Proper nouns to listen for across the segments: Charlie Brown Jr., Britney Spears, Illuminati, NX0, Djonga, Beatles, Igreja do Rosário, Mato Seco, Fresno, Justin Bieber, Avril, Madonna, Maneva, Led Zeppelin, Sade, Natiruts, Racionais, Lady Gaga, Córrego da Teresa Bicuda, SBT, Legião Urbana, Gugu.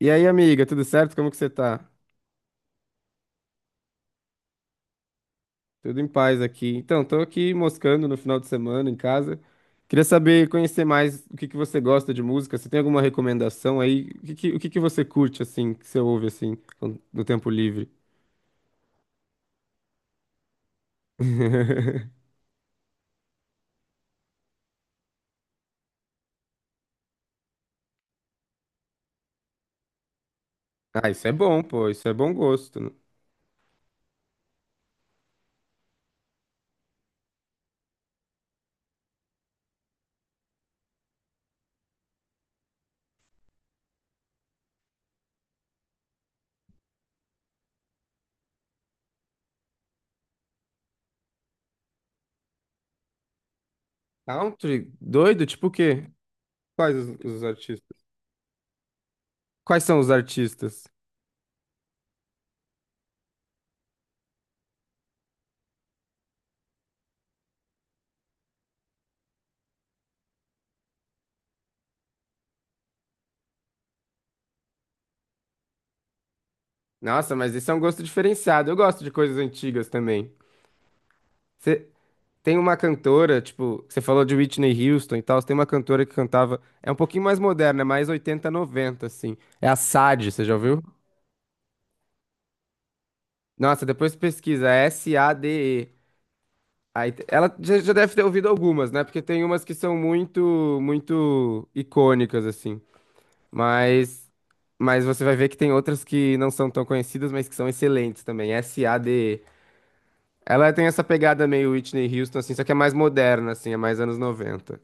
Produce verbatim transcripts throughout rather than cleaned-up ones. E aí, amiga, tudo certo? Como que você tá? Tudo em paz aqui. Então, tô aqui moscando no final de semana em casa. Queria saber, conhecer mais o que que você gosta de música. Você tem alguma recomendação aí? O que que, o que que você curte, assim, que você ouve, assim, quando- no tempo livre? Ah, isso é bom, pô. Isso é bom gosto. Né? Country? Doido? Tipo o quê? Quais os, os artistas? Quais são os artistas? Nossa, mas esse é um gosto diferenciado. Eu gosto de coisas antigas também. Tem uma cantora, tipo, você falou de Whitney Houston e tal, tem uma cantora que cantava, é um pouquinho mais moderna, é mais oitenta noventa assim. É a Sade, você já ouviu? Nossa, depois pesquisa, é S-A-D-E. Aí, te- ela já, já deve ter ouvido algumas, né? Porque tem umas que são muito, muito icônicas, assim. Mas, mas você vai ver que tem outras que não são tão conhecidas, mas que são excelentes também. S-A-D-E. Ela tem essa pegada meio Whitney Houston, assim, só que é mais moderna, assim, é mais anos noventa.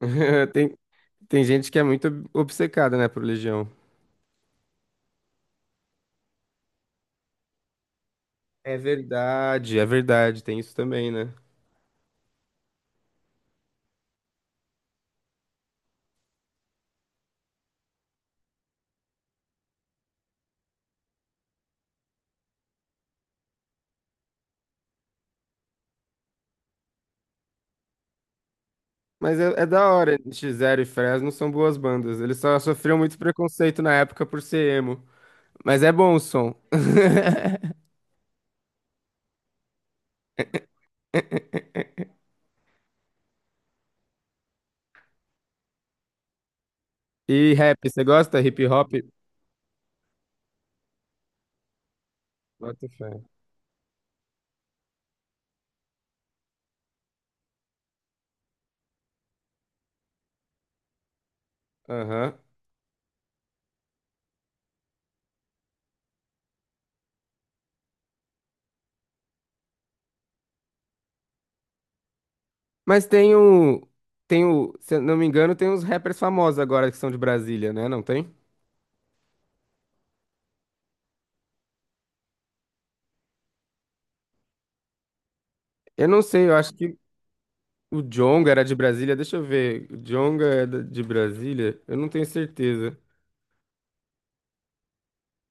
Tem, Tem gente que é muito ob- obcecada, né, por Legião. É verdade, é verdade, tem isso também, né? Mas é, é da hora, N X zero e Fresno são boas bandas. Eles só sofriam muito preconceito na época por ser emo. Mas é bom o som. E rap, você gosta? Hip hop? Bota fé. Aham. Mas tem o. Tem o. Se eu não me engano, tem uns rappers famosos agora que são de Brasília, né? Não tem? Eu não sei, eu acho que o Djonga era de Brasília. Deixa eu ver. O Djonga é da- de Brasília? Eu não tenho certeza.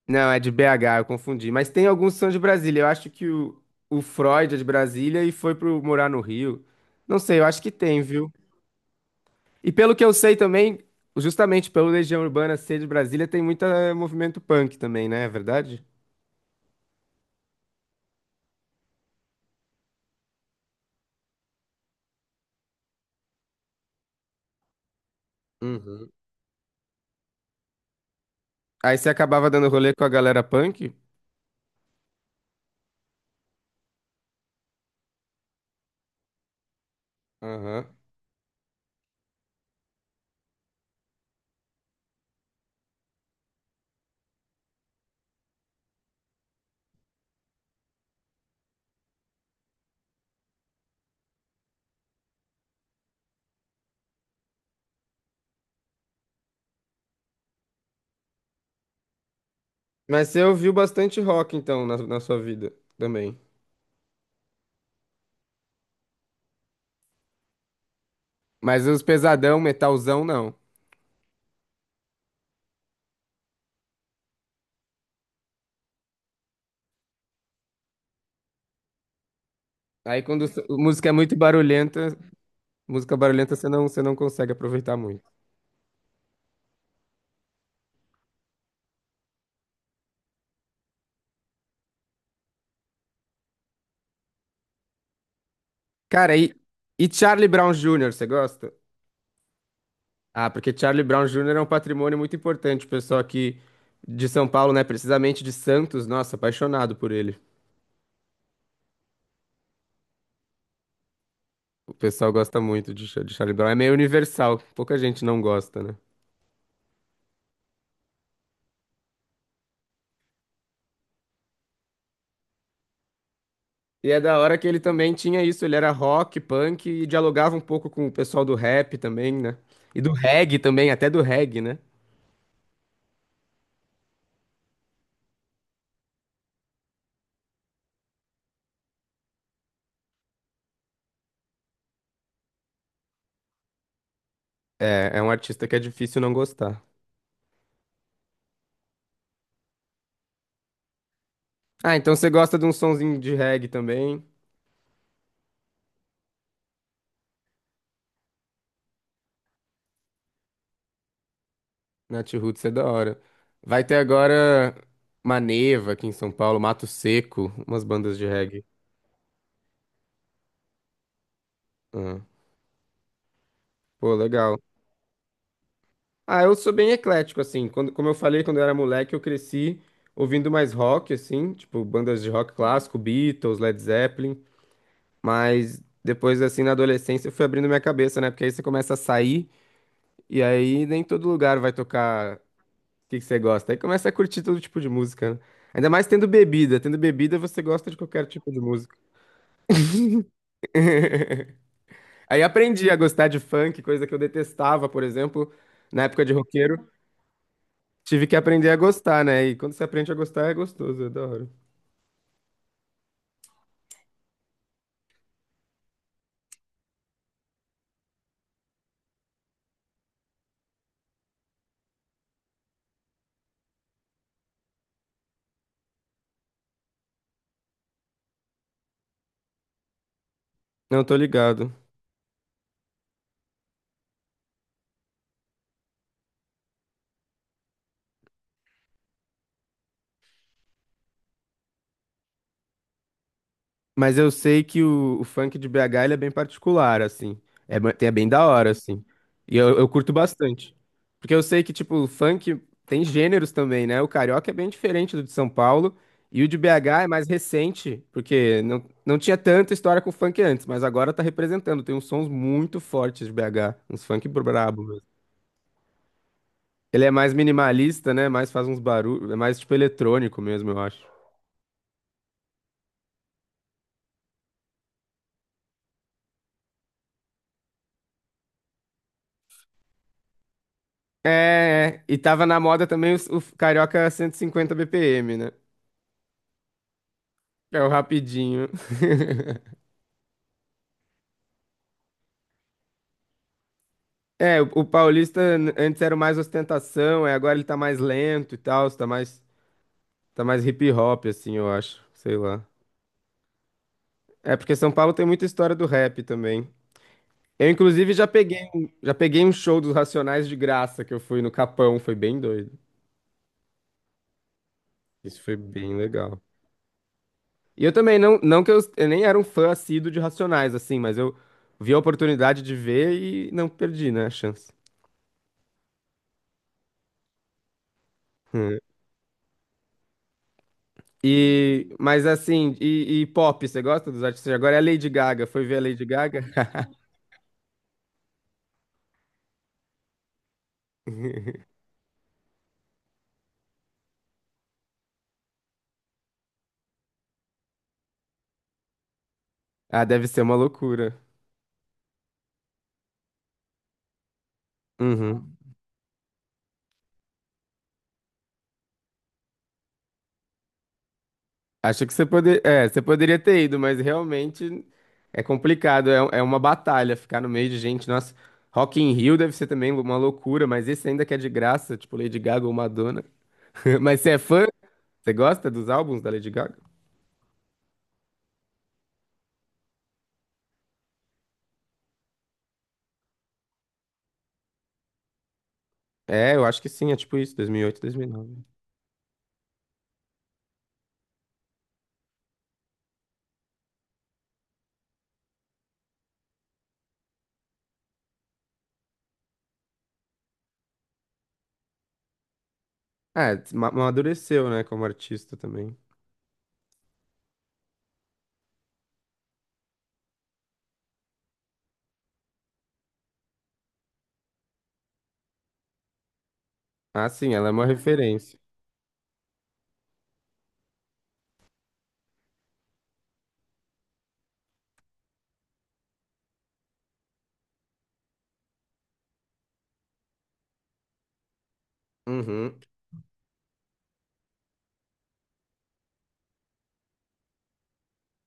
Não, é de B H, eu confundi. Mas tem alguns que são de Brasília. Eu acho que o, o Freud é de Brasília e foi pro morar no Rio. Não sei, eu acho que tem, viu? E pelo que eu sei também, justamente pelo Legião Urbana ser de Brasília, tem muito eh, movimento punk também, né? É verdade? Uhum. Aí você acabava dando rolê com a galera punk? Aham. Mas você ouviu bastante rock, então, na, na sua vida também. Mas os pesadão, metalzão, não. Aí quando s- música é muito barulhenta, música barulhenta você não, você não consegue aproveitar muito. Cara, e, e Charlie Brown júnior, você gosta? Ah, porque Charlie Brown júnior é um patrimônio muito importante, o pessoal aqui de São Paulo, né? Precisamente de Santos, nossa, apaixonado por ele. O pessoal gosta muito de, Cha- de Charlie Brown, é meio universal, pouca gente não gosta, né? E é da hora que ele também tinha isso, ele era rock, punk e dialogava um pouco com o pessoal do rap também, né? E do reggae também, até do reggae, né? É, é um artista que é difícil não gostar. Ah, então você gosta de um sonzinho de reggae também? Natiruts é da hora. Vai ter agora Maneva aqui em São Paulo, Mato Seco, umas bandas de reggae. Ah, pô, legal. Ah, eu sou bem eclético, assim. Quando, como eu falei, quando eu era moleque, eu cresci ouvindo mais rock, assim, tipo bandas de rock clássico, Beatles, Led Zeppelin. Mas depois, assim, na adolescência, eu fui abrindo minha cabeça, né? Porque aí você começa a sair e aí nem todo lugar vai tocar o que que você gosta. Aí começa a curtir todo tipo de música, né? Ainda mais tendo bebida. Tendo bebida, você gosta de qualquer tipo de música. Aí aprendi a gostar de funk, coisa que eu detestava, por exemplo, na época de roqueiro. Tive que aprender a gostar, né? E quando você aprende a gostar, é gostoso, é da hora. Não, tô ligado. Mas eu sei que o, o funk de B H ele é bem particular, assim. É, ba- é bem da hora, assim. E eu, eu curto bastante. Porque eu sei que, tipo, o funk tem gêneros também, né? O carioca é bem diferente do de São Paulo. E o de B H é mais recente, porque não, não tinha tanta história com funk antes, mas agora tá representando. Tem uns sons muito fortes de B H, uns funk brabo mesmo. Ele é mais minimalista, né? Mais faz uns barulhos, é mais tipo eletrônico mesmo, eu acho. É, é. E tava na moda também o, o Carioca cento e cinquenta B P M, né? É o rapidinho. É, o, o paulista n- antes era o mais ostentação, é, agora ele tá mais lento e tal, tá mais, tá mais hip hop, assim, eu acho. Sei lá. É porque São Paulo tem muita história do rap também. Eu, inclusive, já peguei, um- já peguei um show dos Racionais de graça que eu fui no Capão, foi bem doido. Isso foi bem legal. E eu também, não, não que eu, eu nem era um fã assíduo de Racionais, assim, mas eu vi a oportunidade de ver e não perdi, né, a chance. E, mas assim, e, e pop, você gosta dos artistas de agora? É a Lady Gaga, foi ver a Lady Gaga? Ah, deve ser uma loucura. Uhum. Acho que você poder, é, você poderia ter ido, mas realmente é complicado, é, é uma batalha ficar no meio de gente. Nossa, Rock in Rio deve ser também uma loucura, mas esse ainda que é de graça, tipo Lady Gaga ou Madonna. Mas você é fã? Você gosta dos álbuns da Lady Gaga? É, eu acho que sim, é tipo isso, dois mil e oito, dois mil e nove. É, ma- amadureceu, né, como artista também. Ah, sim, ela é uma referência. Uhum.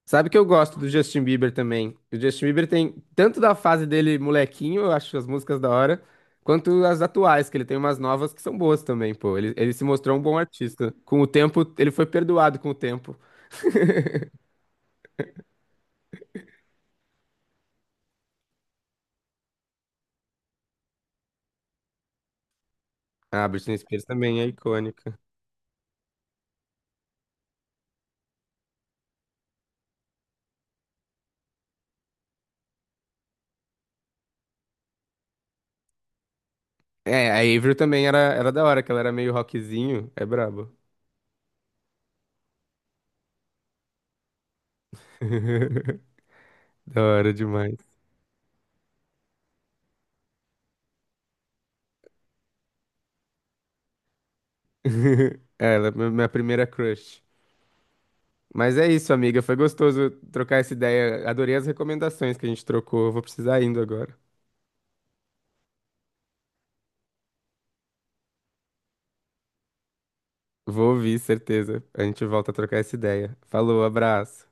Sabe que eu gosto do Justin Bieber também. O Justin Bieber tem tanto da fase dele molequinho, eu acho as músicas da hora, quanto as atuais, que ele tem umas novas que são boas também, pô. Ele, ele se mostrou um bom artista. Com o tempo, ele foi perdoado com o tempo. Ah, a Britney Spears também é icônica. É, a Avril também era, era da hora, que ela era meio rockzinho. É brabo. Da hora demais. É, ela é mi- minha primeira crush. Mas é isso, amiga. Foi gostoso trocar essa ideia. Adorei as recomendações que a gente trocou. Vou precisar indo agora. Vou ouvir, certeza. A gente volta a trocar essa ideia. Falou, abraço.